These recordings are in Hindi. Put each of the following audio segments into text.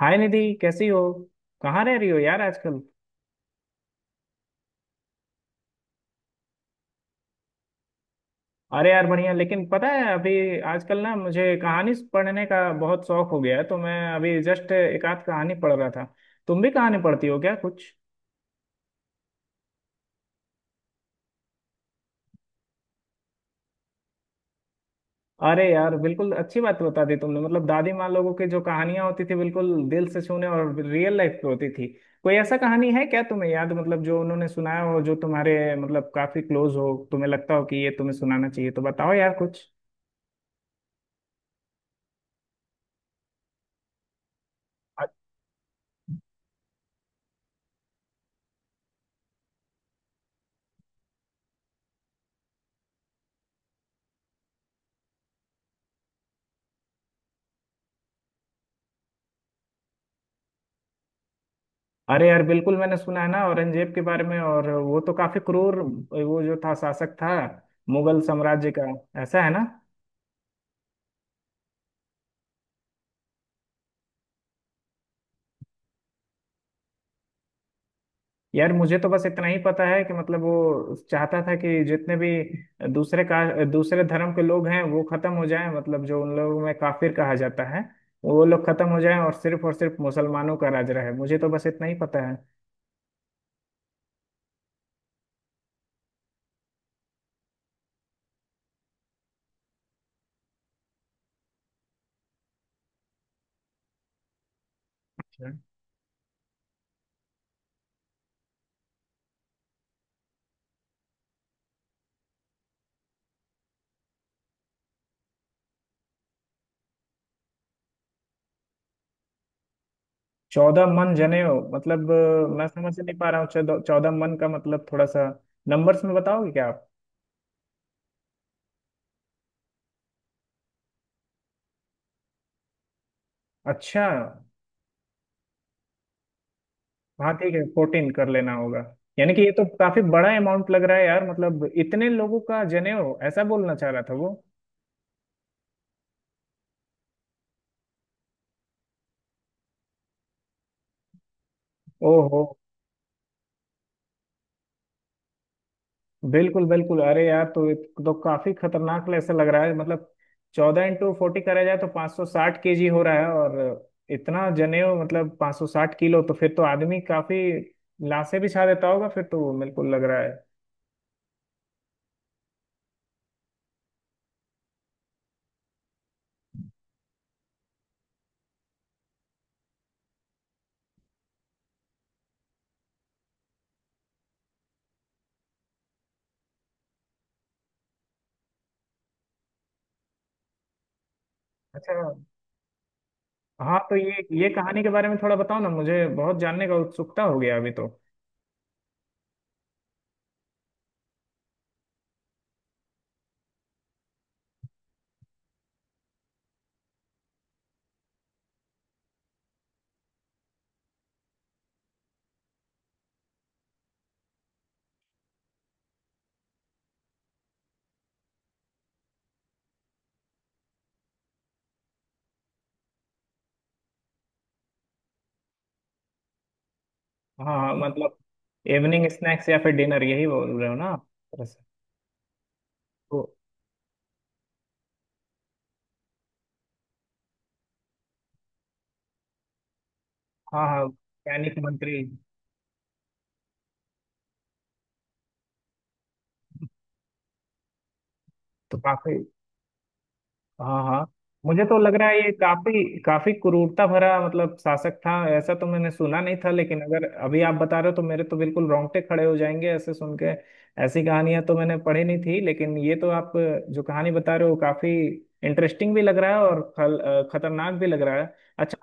हाय निधि, कैसी हो? कहाँ रह रही हो यार आजकल? अरे यार बढ़िया। लेकिन पता है, अभी आजकल ना मुझे कहानी पढ़ने का बहुत शौक हो गया है, तो मैं अभी जस्ट एक आध कहानी पढ़ रहा था। तुम भी कहानी पढ़ती हो क्या कुछ? अरे यार बिल्कुल अच्छी बात बता दी तुमने। मतलब दादी माँ लोगों की जो कहानियां होती थी बिल्कुल दिल से छूने और रियल लाइफ पे होती थी। कोई ऐसा कहानी है क्या तुम्हें याद, मतलब जो उन्होंने सुनाया हो, जो तुम्हारे मतलब काफी क्लोज हो, तुम्हें लगता हो कि ये तुम्हें सुनाना चाहिए, तो बताओ यार कुछ। अरे यार बिल्कुल, मैंने सुना है ना औरंगजेब के बारे में। और वो तो काफी क्रूर वो जो था शासक था मुगल साम्राज्य का, ऐसा है ना। यार मुझे तो बस इतना ही पता है कि मतलब वो चाहता था कि जितने भी दूसरे का दूसरे धर्म के लोग हैं वो खत्म हो जाएं, मतलब जो उन लोगों में काफिर कहा जाता है वो लोग खत्म हो जाएं, और सिर्फ मुसलमानों का राज रहे। मुझे तो बस इतना ही पता है। अच्छा। चौदह मन जनेऊ मतलब मैं समझ नहीं पा रहा हूँ। 14 मन का मतलब थोड़ा सा नंबर्स में बताओगे क्या आप? अच्छा। हाँ ठीक है, 14 कर लेना होगा। यानी कि ये तो काफी बड़ा अमाउंट लग रहा है यार। मतलब इतने लोगों का जनेऊ ऐसा बोलना चाह रहा था वो। ओहो। बिल्कुल बिल्कुल। अरे यार तो ये तो काफी खतरनाक ऐसा लग रहा है। मतलब 14 × 40 करा जाए तो 560 kg हो रहा है। और इतना जनेऊ, मतलब 560 किलो, तो फिर तो आदमी काफी लाशें बिछा देता होगा फिर तो, बिल्कुल लग रहा है। अच्छा। हाँ तो ये कहानी के बारे में थोड़ा बताओ ना, मुझे बहुत जानने का उत्सुकता हो गया अभी तो। हाँ हाँ, मतलब इवनिंग स्नैक्स या फिर डिनर यही बोल रहे हो ना आप? दरअसल। तो हाँ हाँ वैज्ञानिक मंत्री। तो काफी। हाँ हाँ, मुझे तो लग रहा है ये काफी काफी क्रूरता भरा मतलब शासक था। ऐसा तो मैंने सुना नहीं था, लेकिन अगर अभी आप बता रहे हो तो मेरे तो बिल्कुल रोंगटे खड़े हो जाएंगे ऐसे सुन के। ऐसी कहानियां तो मैंने पढ़ी नहीं थी, लेकिन ये तो आप जो कहानी बता रहे हो काफी इंटरेस्टिंग भी लग रहा है और खतरनाक भी लग रहा है। अच्छा।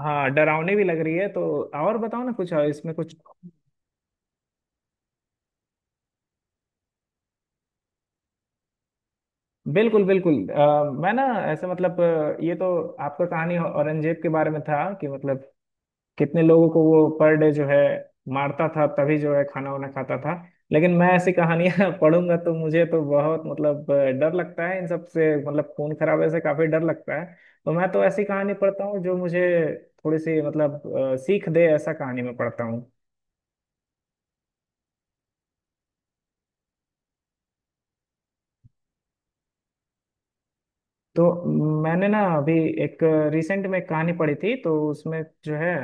हाँ डरावनी भी लग रही है तो। और बताओ ना कुछ इसमें कुछ। बिल्कुल बिल्कुल। मैं ना ऐसे मतलब ये तो आपका कहानी औरंगजेब के बारे में था कि मतलब कितने लोगों को वो पर डे जो है मारता था तभी जो है खाना वाना खाता था। लेकिन मैं ऐसी कहानियां पढ़ूंगा तो मुझे तो बहुत मतलब डर लगता है इन सब से। मतलब खून खराबे से काफी डर लगता है। तो मैं तो ऐसी कहानी पढ़ता हूँ जो मुझे थोड़ी सी मतलब सीख दे, ऐसा कहानी में पढ़ता हूँ। तो मैंने ना अभी एक रिसेंट में कहानी पढ़ी थी, तो उसमें जो है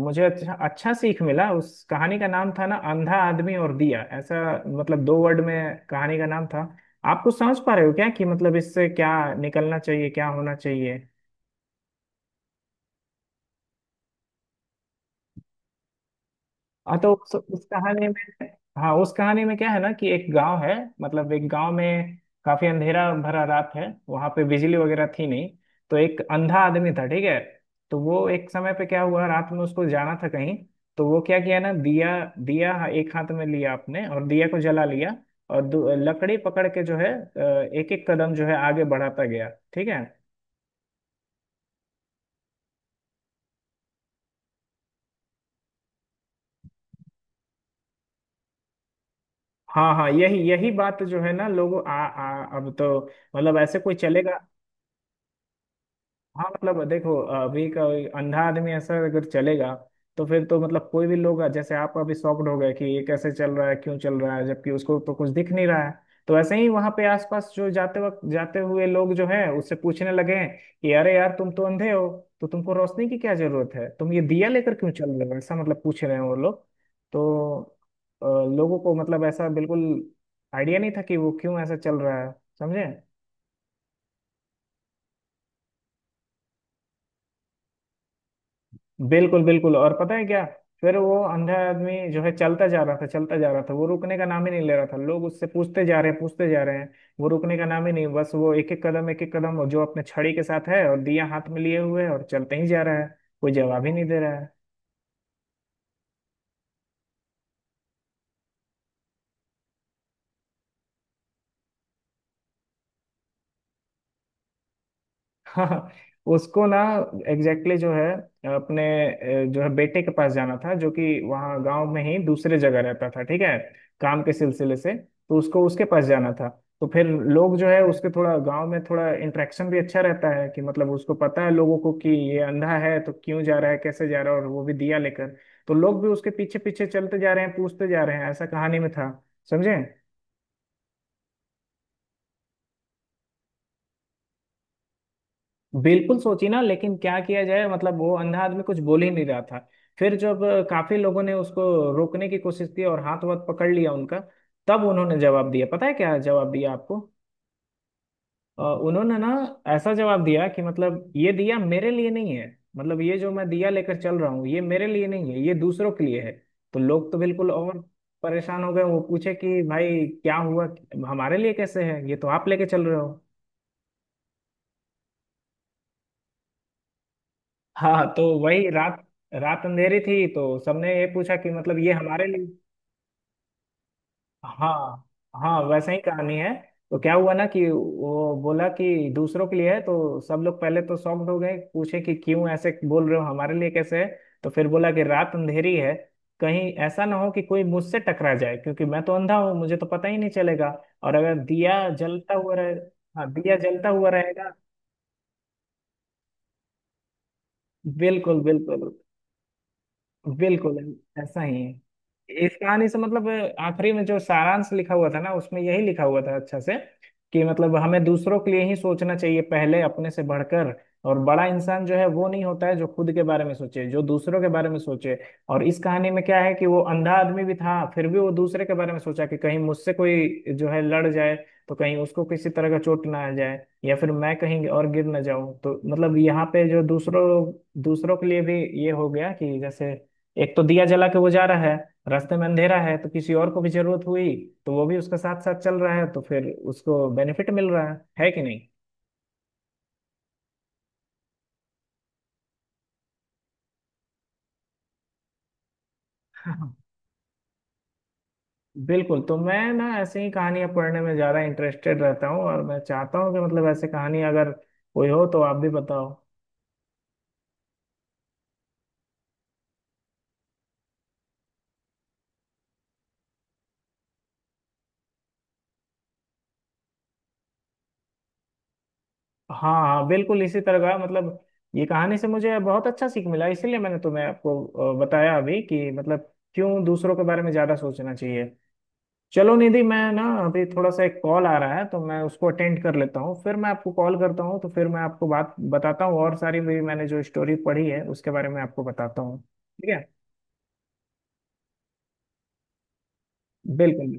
मुझे अच्छा अच्छा सीख मिला। उस कहानी का नाम था ना अंधा आदमी और दिया, ऐसा मतलब 2 वर्ड में कहानी का नाम था। आप कुछ समझ पा रहे हो क्या कि मतलब इससे क्या निकलना चाहिए, क्या होना चाहिए? हाँ तो उस कहानी में। हाँ उस कहानी में क्या है ना कि एक गांव है, मतलब एक गांव में काफी अंधेरा भरा रात है, वहां पे बिजली वगैरह थी नहीं। तो एक अंधा आदमी था ठीक है। तो वो एक समय पे क्या हुआ, रात में उसको जाना था कहीं। तो वो क्या किया ना, दिया दिया एक हाथ में लिया आपने, और दिया को जला लिया। और लकड़ी पकड़ के जो है एक एक कदम जो है आगे बढ़ाता गया, ठीक है। हाँ हाँ, यही यही बात जो है ना, लोगों आ, आ अब तो मतलब ऐसे कोई चलेगा? हाँ मतलब देखो अभी का अंधा आदमी ऐसा अगर चलेगा, तो फिर तो मतलब कोई भी लोग, जैसे आप अभी शॉक्ड हो गए कि ये कैसे चल रहा है, क्यों चल रहा है, जबकि उसको तो कुछ दिख नहीं रहा है। तो ऐसे ही वहां पे आसपास जो जाते वक्त, जाते हुए लोग जो हैं उससे पूछने लगे हैं कि अरे यार तुम तो अंधे हो, तो तुमको रोशनी की क्या जरूरत है, तुम ये दिया लेकर क्यों चल रहे हो, ऐसा मतलब पूछ रहे हैं वो लोग। तो अ, लोगों को मतलब ऐसा बिल्कुल आइडिया नहीं था कि वो क्यों ऐसा चल रहा है, समझे? बिल्कुल बिल्कुल। और पता है क्या, फिर वो अंधा आदमी जो है चलता जा रहा था, चलता जा रहा था। वो रुकने का नाम ही नहीं ले रहा था। लोग उससे पूछते जा रहे हैं, पूछते जा रहे हैं। वो रुकने का नाम ही नहीं, बस वो एक एक कदम, एक एक कदम, और जो अपने छड़ी के साथ है और दिया हाथ में लिए हुए है और चलते ही जा रहा है। कोई जवाब ही नहीं दे रहा है। हाँ। उसको ना एग्जैक्टली जो है अपने जो है बेटे के पास जाना था, जो कि वहाँ गांव में ही दूसरे जगह रहता था ठीक है। काम के सिलसिले से तो उसको उसके पास जाना था। तो फिर लोग जो है उसके थोड़ा गांव में थोड़ा इंटरेक्शन भी अच्छा रहता है, कि मतलब उसको पता है लोगों को कि ये अंधा है, तो क्यों जा रहा है, कैसे जा रहा है, और वो भी दिया लेकर। तो लोग भी उसके पीछे पीछे चलते जा रहे हैं, पूछते जा रहे हैं, ऐसा कहानी में था, समझे? बिल्कुल सोची ना, लेकिन क्या किया जाए, मतलब वो अंधा आदमी कुछ बोल ही नहीं रहा था। फिर जब काफी लोगों ने उसको रोकने की कोशिश की, और हाथ वाथ पकड़ लिया उनका, तब उन्होंने जवाब दिया। पता है क्या जवाब दिया आपको? उन्होंने ना ऐसा जवाब दिया कि मतलब ये दिया मेरे लिए नहीं है। मतलब ये जो मैं दिया लेकर चल रहा हूँ ये मेरे लिए नहीं है, ये दूसरों के लिए है। तो लोग तो बिल्कुल और परेशान हो गए। वो पूछे कि भाई क्या हुआ, हमारे लिए कैसे है, ये तो आप लेके चल रहे हो। हाँ तो वही रात, रात अंधेरी थी, तो सबने ये पूछा कि मतलब ये हमारे लिए। हाँ हाँ, वैसे ही कहानी है। तो क्या हुआ ना कि वो बोला कि दूसरों के लिए है, तो सब लोग पहले तो शॉक्ड हो गए, पूछे कि क्यों ऐसे बोल रहे हो, हमारे लिए कैसे है। तो फिर बोला कि रात अंधेरी है, कहीं ऐसा ना हो कि कोई मुझसे टकरा जाए, क्योंकि मैं तो अंधा हूँ, मुझे तो पता ही नहीं चलेगा। और अगर दिया जलता हुआ रहे। हाँ दिया जलता हुआ रहेगा। बिल्कुल बिल्कुल। बिल्कुल ऐसा ही है इस कहानी से मतलब। आखिरी में जो सारांश लिखा हुआ था ना, उसमें यही लिखा हुआ था अच्छा से, कि मतलब हमें दूसरों के लिए ही सोचना चाहिए पहले अपने से बढ़कर। और बड़ा इंसान जो है वो नहीं होता है जो खुद के बारे में सोचे, जो दूसरों के बारे में सोचे। और इस कहानी में क्या है कि वो अंधा आदमी भी था फिर भी वो दूसरे के बारे में सोचा कि कहीं मुझसे कोई जो है लड़ जाए, तो कहीं उसको किसी तरह का चोट ना आ जाए, या फिर मैं कहीं और गिर ना जाऊं। तो मतलब यहाँ पे जो दूसरों दूसरों के लिए भी ये हो गया कि जैसे एक तो दिया जला के वो जा रहा है, रास्ते में अंधेरा है, तो किसी और को भी जरूरत हुई तो वो भी उसके साथ साथ चल रहा है, तो फिर उसको बेनिफिट मिल रहा है कि नहीं? हाँ। बिल्कुल, तो मैं ना ऐसे ही कहानियां पढ़ने में ज्यादा इंटरेस्टेड रहता हूँ, और मैं चाहता हूँ कि मतलब ऐसे कहानी अगर कोई हो तो आप भी बताओ। हाँ हाँ बिल्कुल, इसी तरह का मतलब ये कहानी से मुझे बहुत अच्छा सीख मिला, इसीलिए मैंने तुम्हें आपको बताया अभी कि मतलब क्यों दूसरों के बारे में ज्यादा सोचना चाहिए। चलो निधि, मैं ना अभी थोड़ा सा एक कॉल आ रहा है, तो मैं उसको अटेंड कर लेता हूँ, फिर मैं आपको कॉल करता हूँ, तो फिर मैं आपको बात बताता हूँ, और सारी भी मैंने जो स्टोरी पढ़ी है उसके बारे में आपको बताता हूँ, ठीक है। बिल्कुल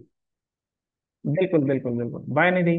बिल्कुल बिल्कुल बिल्कुल बाय निधि।